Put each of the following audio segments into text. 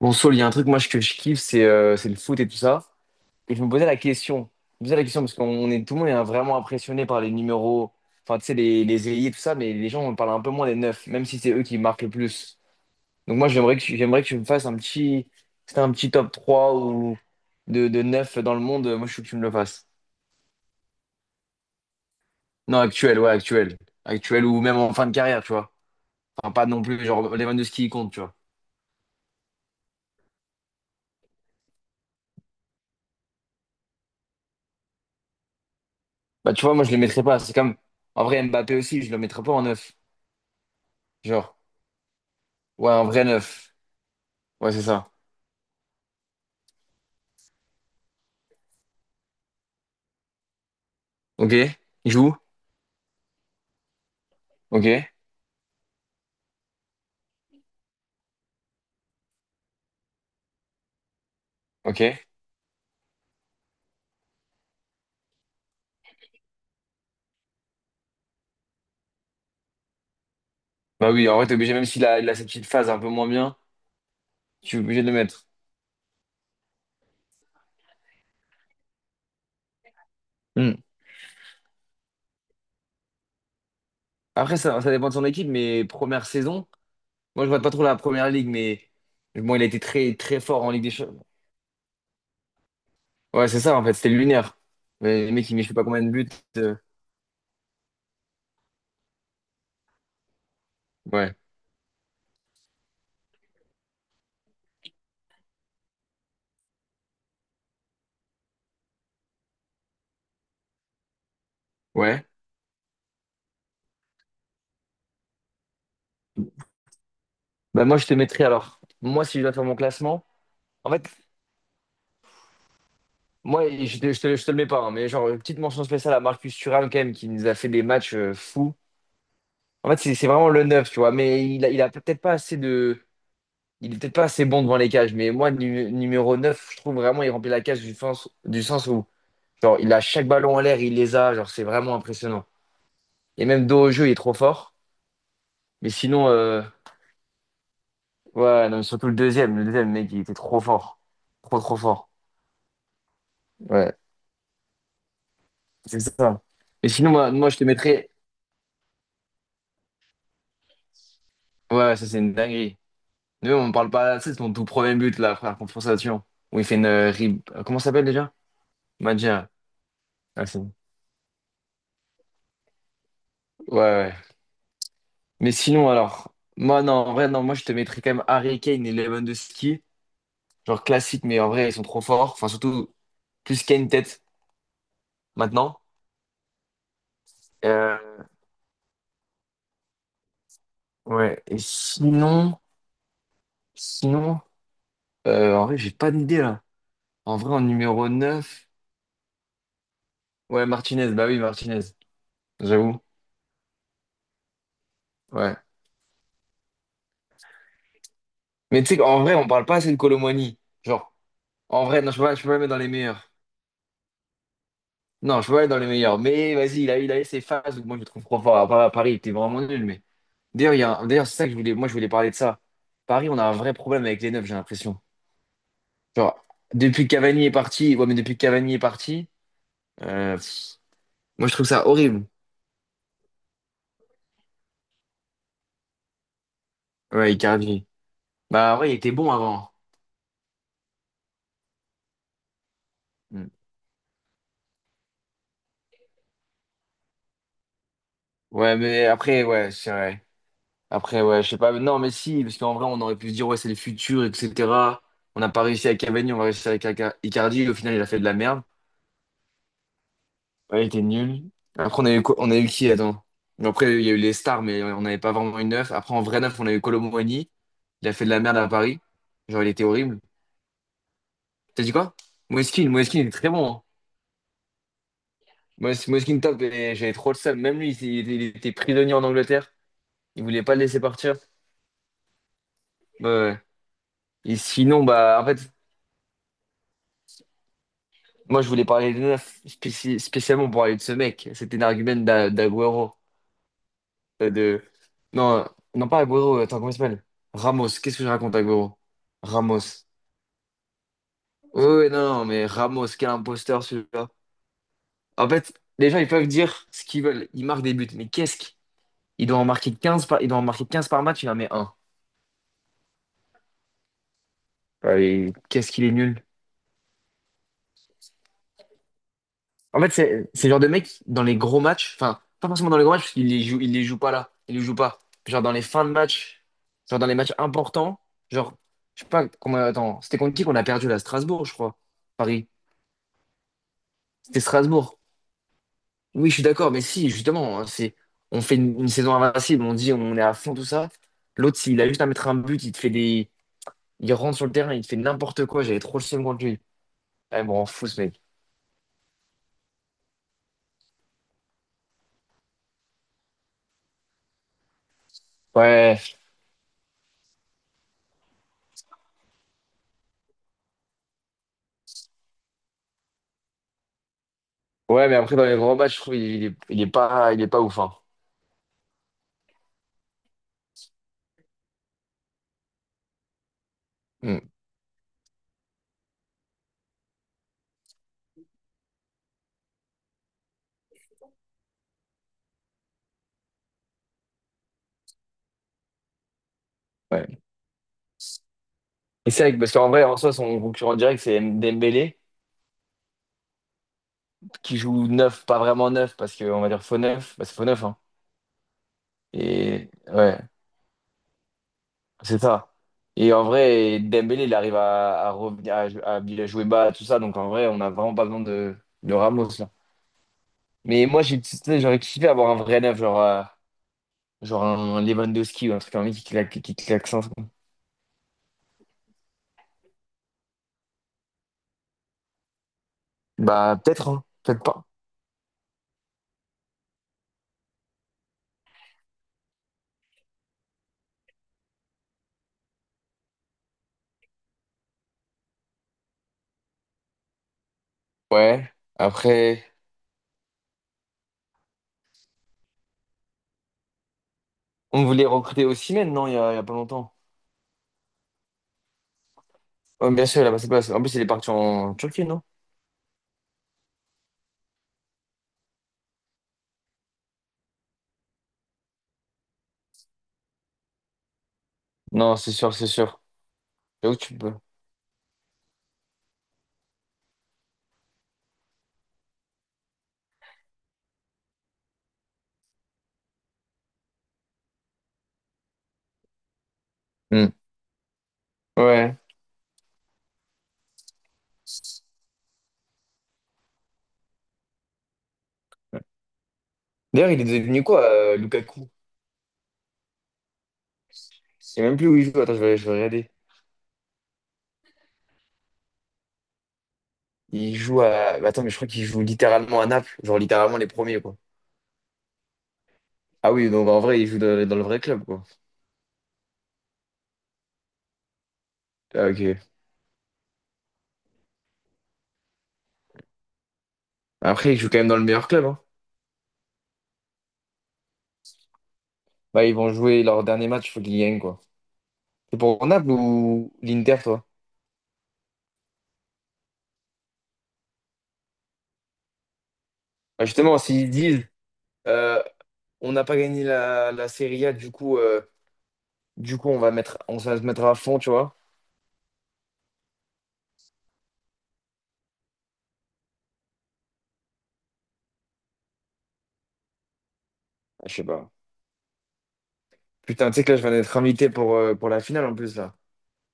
Bon, Saul, il y a un truc que je kiffe, c'est le foot et tout ça. Et je me posais la question, je me posais la question parce qu'on est tout le monde est vraiment impressionné par les numéros, enfin tu sais les ailiers tout ça, mais les gens on parle un peu moins des neufs, même si c'est eux qui marquent le plus. Donc moi j'aimerais que tu me fasses un petit, c'était un petit top 3 ou de neuf dans le monde. Moi je veux que tu me le fasses. Non actuel, ouais actuel, actuel ou même en fin de carrière, tu vois. Enfin pas non plus genre Lewandowski il compte, tu vois. Bah tu vois moi je le mettrais pas. C'est comme en vrai Mbappé aussi, je le mettrais pas en neuf, genre. Ouais, un vrai neuf. Ouais, c'est ça. Ok. Il joue. Ok. Ok. Bah oui, en vrai, t'es obligé, même s'il a, il a cette petite phase un peu moins bien, tu es obligé de le mettre. Hmm. Après, ça dépend de son équipe, mais première saison, moi, je vois pas trop la première ligue, mais bon, il a été très, très fort en Ligue des Champions. Ouais, c'est ça, en fait, c'était lunaire. Mais les mecs, ils mettent je sais pas combien de buts. euh, Ouais. Ouais. Bah, moi, je te mettrais alors. Moi, si je dois faire mon classement, en fait, moi, je te le mets pas, hein, mais genre, une petite mention spéciale à Marcus Thuram, quand même, qui nous a fait des matchs fous. En fait, c'est vraiment le neuf, tu vois. Mais il a peut-être pas assez de. Il est peut-être pas assez bon devant les cages. Mais moi, numéro 9, je trouve vraiment il remplit la cage du sens où genre, il a chaque ballon en l'air, il les a. Genre, c'est vraiment impressionnant. Et même dos au jeu, il est trop fort. Mais sinon, ouais, non, mais surtout le deuxième. Le deuxième, mec, il était trop fort. Trop, trop fort. Ouais, c'est ça. Mais sinon, moi, moi, je te mettrais. Ouais, ça, c'est une dinguerie. Nous, on ne parle pas assez. C'est mon tout premier but, là, frère, contre Sion, où il fait une. Comment ça s'appelle déjà? Madja. Ouais, ouais. Mais sinon, alors, moi, non, en vrai, non, moi, je te mettrais quand même Harry Kane et Lewandowski. Genre classique, mais en vrai, ils sont trop forts. Enfin, surtout, plus Kane tête maintenant. Euh, ouais. Et sinon, sinon, en vrai, j'ai pas d'idée là. En vrai, en numéro 9 ouais, Martinez, bah oui, Martinez, j'avoue. Ouais. Mais tu sais qu'en vrai, on parle pas assez de Kolo Muani. Genre, en vrai, non, je peux pas le mettre dans les meilleurs. Non, je peux pas le mettre dans les meilleurs. Mais vas-y, il a eu ses phases où moi, je le trouve trop fort. À Paris, il était vraiment nul, mais. D'ailleurs, il y a un- D'ailleurs, c'est ça que je voulais, moi je voulais parler de ça. Paris, on a un vrai problème avec les neufs, j'ai l'impression. Genre, depuis que Cavani est parti, ouais, mais depuis que Cavani est parti, euh, pff, moi je trouve ça horrible. Ouais, Icardi. Bah ouais, il était bon avant. Mm. Ouais, mais après, ouais, c'est vrai. Après, ouais, je sais pas. Non, mais si, parce qu'en vrai, on aurait pu se dire, ouais, c'est le futur, etc. On n'a pas réussi avec Cavani, on va réussir avec Icardi. Au final, il a fait de la merde. Ouais, il était nul. Après, on a eu qui, attends? Bon, après, il y a eu les stars, mais on n'avait pas vraiment une neuf. Après, en vrai neuf, on a eu Kolo Muani. Il a fait de la merde à Paris. Genre, il était horrible. T'as dit quoi? Moeskin, il est très bon, hein. Moeskin, top, et j'avais trop le seum. Même lui, il était prisonnier en Angleterre. Il voulait pas le laisser partir. Ouais, ouais. Et sinon, bah, en fait, moi, je voulais parler des neufs, spécialement pour parler de ce mec. C'était un argument d'Aguero. Euh, de... Non, non, pas Agüero. Attends, comment il s'appelle? Ramos. Qu'est-ce que je raconte, Agüero? Ramos. Oui, oui, non, non, mais Ramos, quel imposteur celui-là. En fait, les gens, ils peuvent dire ce qu'ils veulent. Ils marquent des buts. Mais qu'est-ce qu'il doit en marquer 15 par... il doit en marquer 15 par match, il en met un. Allez, qu'est-ce qu'il est nul. En fait, c'est le genre de mec, dans les gros matchs, enfin, pas forcément dans les gros matchs, parce qu'il les joue, il les joue pas là. Il les joue pas. Genre dans les fins de match, genre dans les matchs importants, genre, je sais pas comment. Attends, c'était contre qui qu'on a perdu là? Strasbourg, je crois. Paris. C'était Strasbourg. Oui, je suis d'accord, mais si, justement, hein, c'est, on fait une saison invincible, on dit on est à fond, tout ça. L'autre, s'il a juste à mettre un but, il te fait des. Il rentre sur le terrain, il te fait n'importe quoi, j'avais trop le seum contre lui. Ouais, bon, on fout ce mec. Ouais, ouais, mais après, dans les grands matchs, je trouve il est pas ouf, hein. Hmm, ouais. Et c'est vrai, que- parce qu'en vrai, en soi, son concurrent direct, c'est Dembélé, qui joue neuf, pas vraiment neuf, parce qu'on va dire faux neuf, bah, c'est faux neuf, hein. Et ouais, c'est ça. Et en vrai, Dembélé, il arrive à revenir, à, à bien jouer bas, tout ça. Donc en vrai, on n'a vraiment pas besoin de Ramos, là. Mais moi, j'ai, tu sais, j'aurais kiffé avoir un vrai neuf, genre, genre un Lewandowski ou un truc comme ça qui claque sans. Bah, peut-être, hein. Peut-être pas. Ouais. Après, on voulait recruter Osimhen, non, il y a pas longtemps. Ouais, bien sûr, il a passé place. En plus, il est parti en Turquie, non? Non, c'est sûr, c'est sûr. C'est où tu peux. Hmm. Ouais. D'ailleurs, il est devenu quoi, Lukaku? Je sais même plus où il joue. Attends, je vais regarder. Il joue à. Bah, Attends, mais je crois qu'il joue littéralement à Naples, genre littéralement les premiers, quoi. Ah oui, donc en vrai, il joue dans, dans le vrai club, quoi. Ah, ok. Après, il joue quand même dans le meilleur club, hein. Bah, ils vont jouer leur dernier match, il faut qu'ils gagnent, quoi. C'est pour Naples ou l'Inter, toi? Bah, justement, s'ils disent euh, on n'a pas gagné la, la Serie A, du coup, on va se mettre à fond, tu vois. Je sais pas. Putain, tu sais que là, je viens d'être invité pour la finale en plus, là,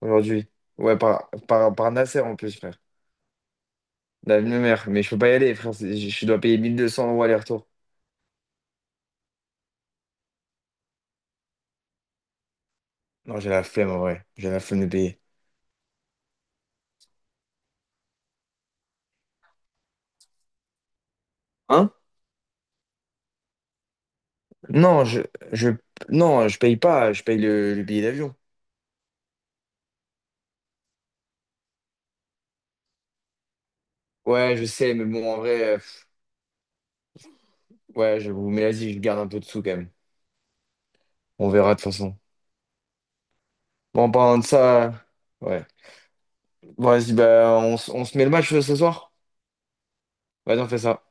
aujourd'hui. Ouais, par Nasser en plus, frère. La même mère, mais je peux pas y aller, frère. Je dois payer 1200 € aller-retour. Non, j'ai la flemme en vrai. J'ai la flemme de payer. Hein? Non, je, non, je paye pas. Je paye le billet d'avion. Ouais, je sais, mais bon, en vrai, ouais, je vous mets vas-y, je garde un peu de sous quand même. On verra de toute façon. Bon, en parlant de ça, ouais. Bon, vas-y, bah, on se met le match ce soir? Vas-y, on fait ça.